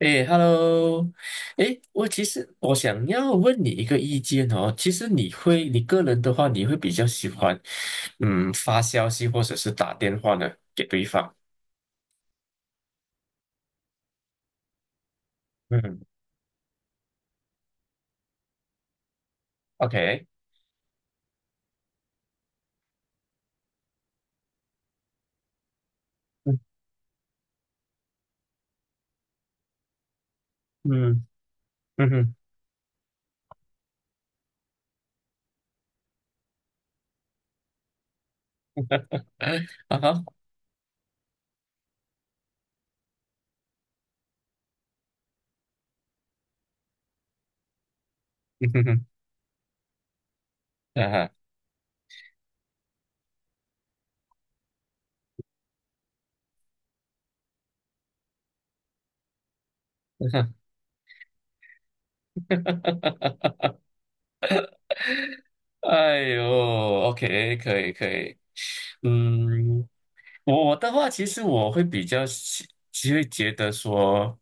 诶 h e l l o 诶，其实我想要问你一个意见哦。其实你会，你个人的话，你会比较喜欢，嗯，发消息或者是打电话呢给对方。嗯，OK，嗯嗯，嗯哼。啊哈。嗯哼哼。啊哈。哈！哎呦，OK，可以可以。嗯，我的话，其实我会比较喜，其实会觉得说，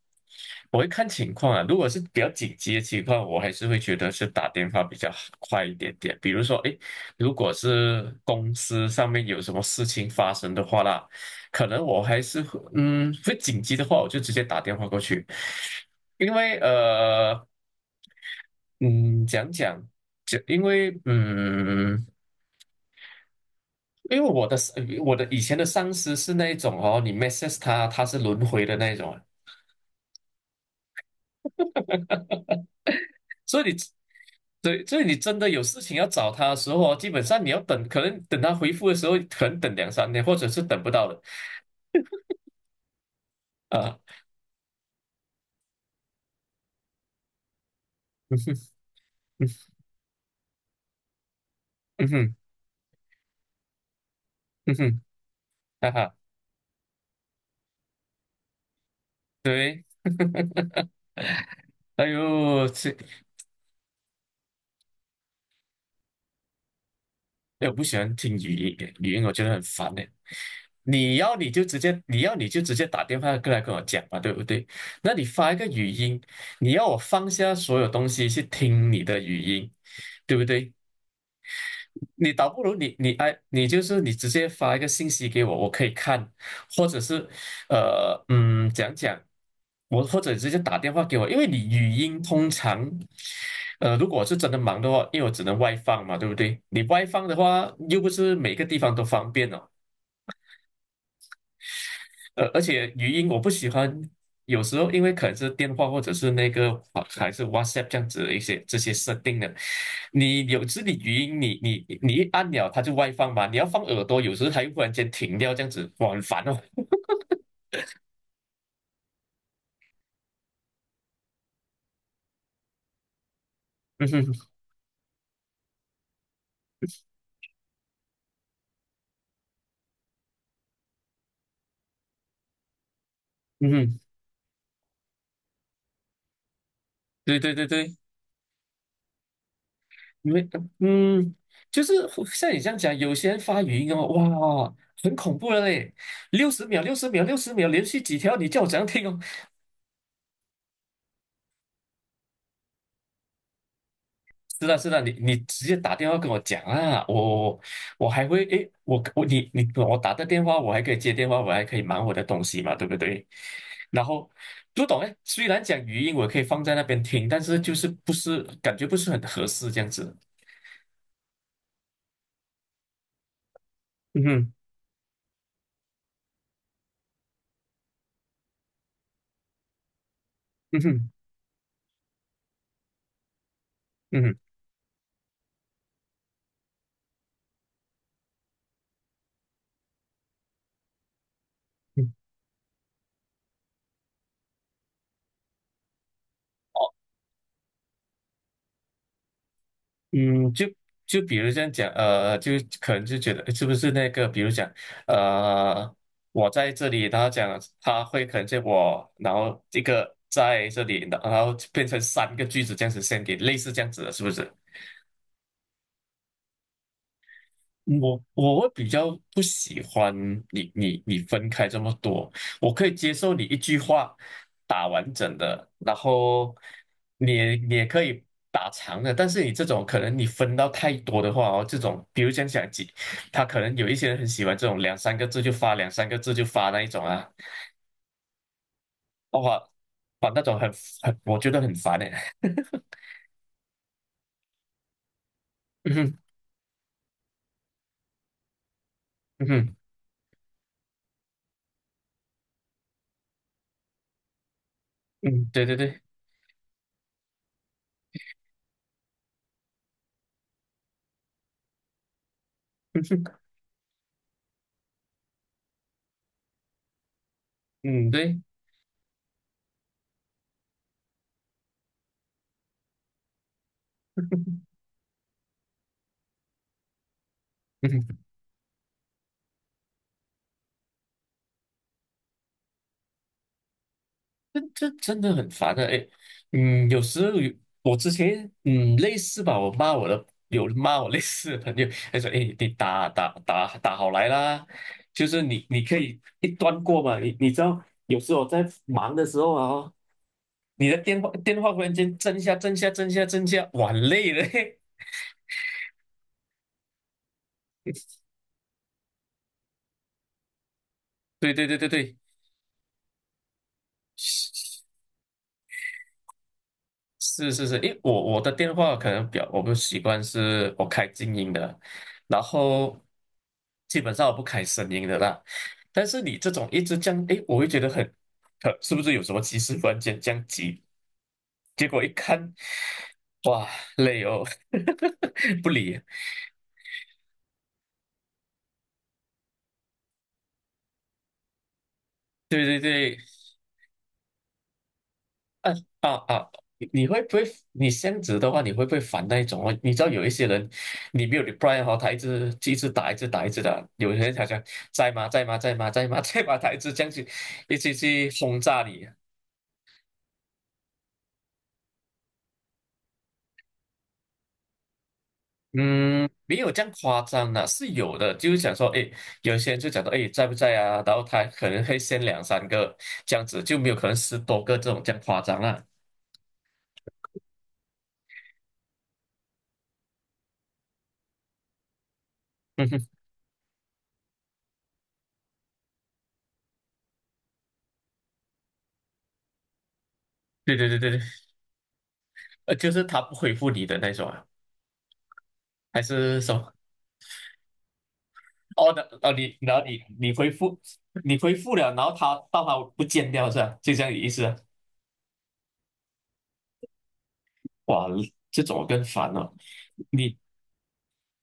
我会看情况啊。如果是比较紧急的情况，我还是会觉得是打电话比较好快一点点。比如说，诶，如果是公司上面有什么事情发生的话啦，可能我还是会嗯，会紧急的话，我就直接打电话过去，因为。嗯，讲，因为嗯，因为我的我的以前的上司是那一种哦，你 message 他，他是轮回的那一种啊，所以你对，所以你真的有事情要找他的时候哦，基本上你要等，可能等他回复的时候，可能等两三天，或者是等不到的啊。嗯哼。嗯哼。嗯哼。哈哈。对，哎呦，这哎，我不喜欢听语音，语音我觉得很烦哎。你要你就直接，你要你就直接打电话过来跟我讲嘛，对不对？那你发一个语音，你要我放下所有东西去听你的语音，对不对？你倒不如你哎，你就是你直接发一个信息给我，我可以看，或者是讲，我或者直接打电话给我，因为你语音通常，如果是真的忙的话，因为我只能外放嘛，对不对？你外放的话，又不是每个地方都方便哦。而且语音我不喜欢，有时候因为可能是电话或者是那个啊还是 WhatsApp 这样子的一些这些设定的，你有时你语音你一按了它就外放嘛，你要放耳朵，有时候它又忽然间停掉这样子，哇，很烦哦。嗯哼。嗯哼。对对对对。因为嗯，就是像你这样讲，有些人发语音哦，哇，很恐怖的嘞，60秒、60秒、60秒，连续几条，你叫我怎样听哦？是的，是的，你你直接打电话跟我讲啊，我我还会诶，我我你你我打的电话，我还可以接电话，我还可以忙我的东西嘛，对不对？然后不懂诶，虽然讲语音我可以放在那边听，但是就是不是感觉不是很合适这样子。嗯哼。嗯哼。嗯哼。嗯。嗯，就比如这样讲，可能就觉得诶是不是那个，比如讲，呃，我在这里，然后讲他会可能见我，然后一个在这里，然后变成三个句子这样子 s e n d i 类似这样子的，是不是？我我会比较不喜欢你分开这么多，我可以接受你一句话打完整的，然后你也可以打长的，但是你这种可能你分到太多的话哦，这种比如讲几，他可能有一些人很喜欢这种两三个字就发，两三个字就发那一种啊，哇，把那种很我觉得很烦哎。嗯哼。嗯哼。嗯。对对对。嗯哼。嗯。对。这这真的很烦的，哎，嗯，有时候有我之前类似吧，我骂我的有骂我类似的朋友，他说，哎，你打打打打好来啦，就是你你可以一端过嘛，你你知道有时候我在忙的时候啊哦，你的电话电话忽然间震一下震一下震一下震一下，哇很累了，嘿。 对对对对对。是是是。因为我的电话可能表我不习惯是我开静音的，然后基本上我不开声音的啦。但是你这种一直这样，诶，我会觉得很，可是不是有什么急事突然间这样急？结果一看，哇，累哦。不理。对对对。啊啊啊！你你会不会？你这样子的话，你会不会烦那一种哦？你知道有一些人，你没有 reply 哈，他一直一直打，一直打，一直的，有些人好像在吗？在吗？在吗？在吗？在吗？他一直这样去，一直去轰炸你。嗯，没有这样夸张的，是有的。就是想说，哎，有些人就讲到，哎，在不在啊？然后他可能会先两三个这样子，就没有可能10多个这种这样夸张啊。嗯哼。对对对对对。就是他不回复你的那种啊，还是什么？哦，那哦，你然后你你回复，你回复了，然后他到它不见掉是吧？就这样的意思啊。哇，这种更烦了。你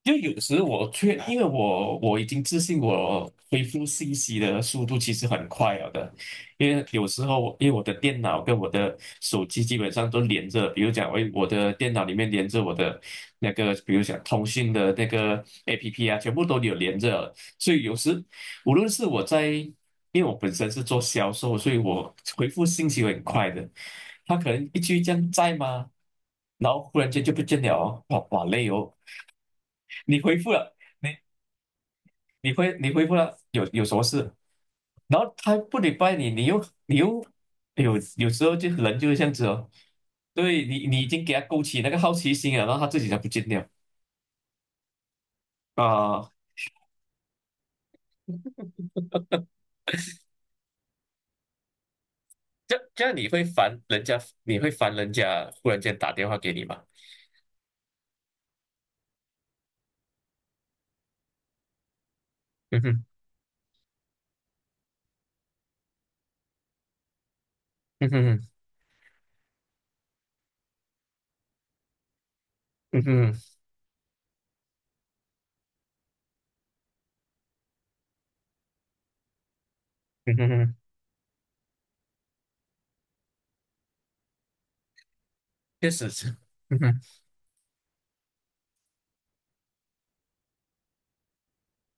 就有时因为我已经自信我恢复信息的速度其实很快了的，因为有时候我因为我的电脑跟我的手机基本上都连着，比如讲我的电脑里面连着我的那个，比如讲通讯的那个 APP 啊，全部都有连着了，所以无论是我在，因为我本身是做销售，所以我回复信息会很快的，他可能一句这样在吗？然后忽然间就不见了哦，哇哇累哦，你回复了，你你回复了，有什么事？然后他不礼拜你，你又你又有时候就人就是这样子哦，对你你已经给他勾起那个好奇心了，然后他自己才不见掉啊，这这样你会烦人家，你会烦人家忽然间打电话给你吗？嗯哼。嗯哼。嗯哼。嗯哼。确实是。嗯哼。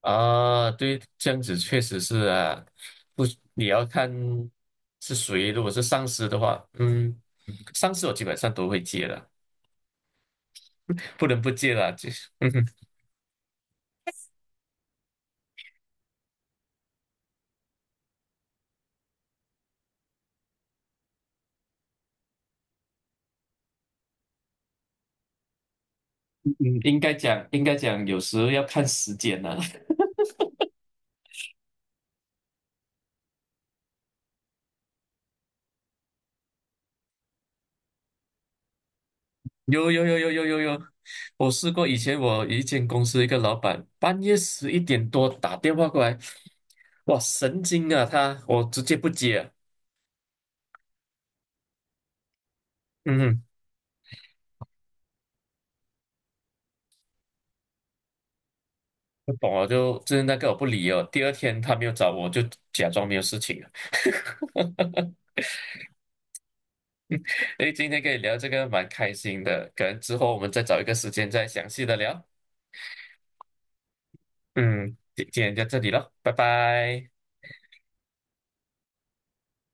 啊，对，这样子确实是啊，不，你要看是谁。如果是上司的话，嗯，上司我基本上都会接了，不能不接了。就是。嗯哼，应该讲，应该讲，有时候要看时间呢、有有有有有有有，我试过，以前我一间公司一个老板，半夜11点多打电话过来，哇，神经啊他，我直接不接啊。嗯哼。不懂了，就就是那个我不理哦。第二天他没有找我，就假装没有事情了。诶，今天跟你聊这个蛮开心的，可能之后我们再找一个时间再详细的聊。嗯，今天就这里了，拜拜。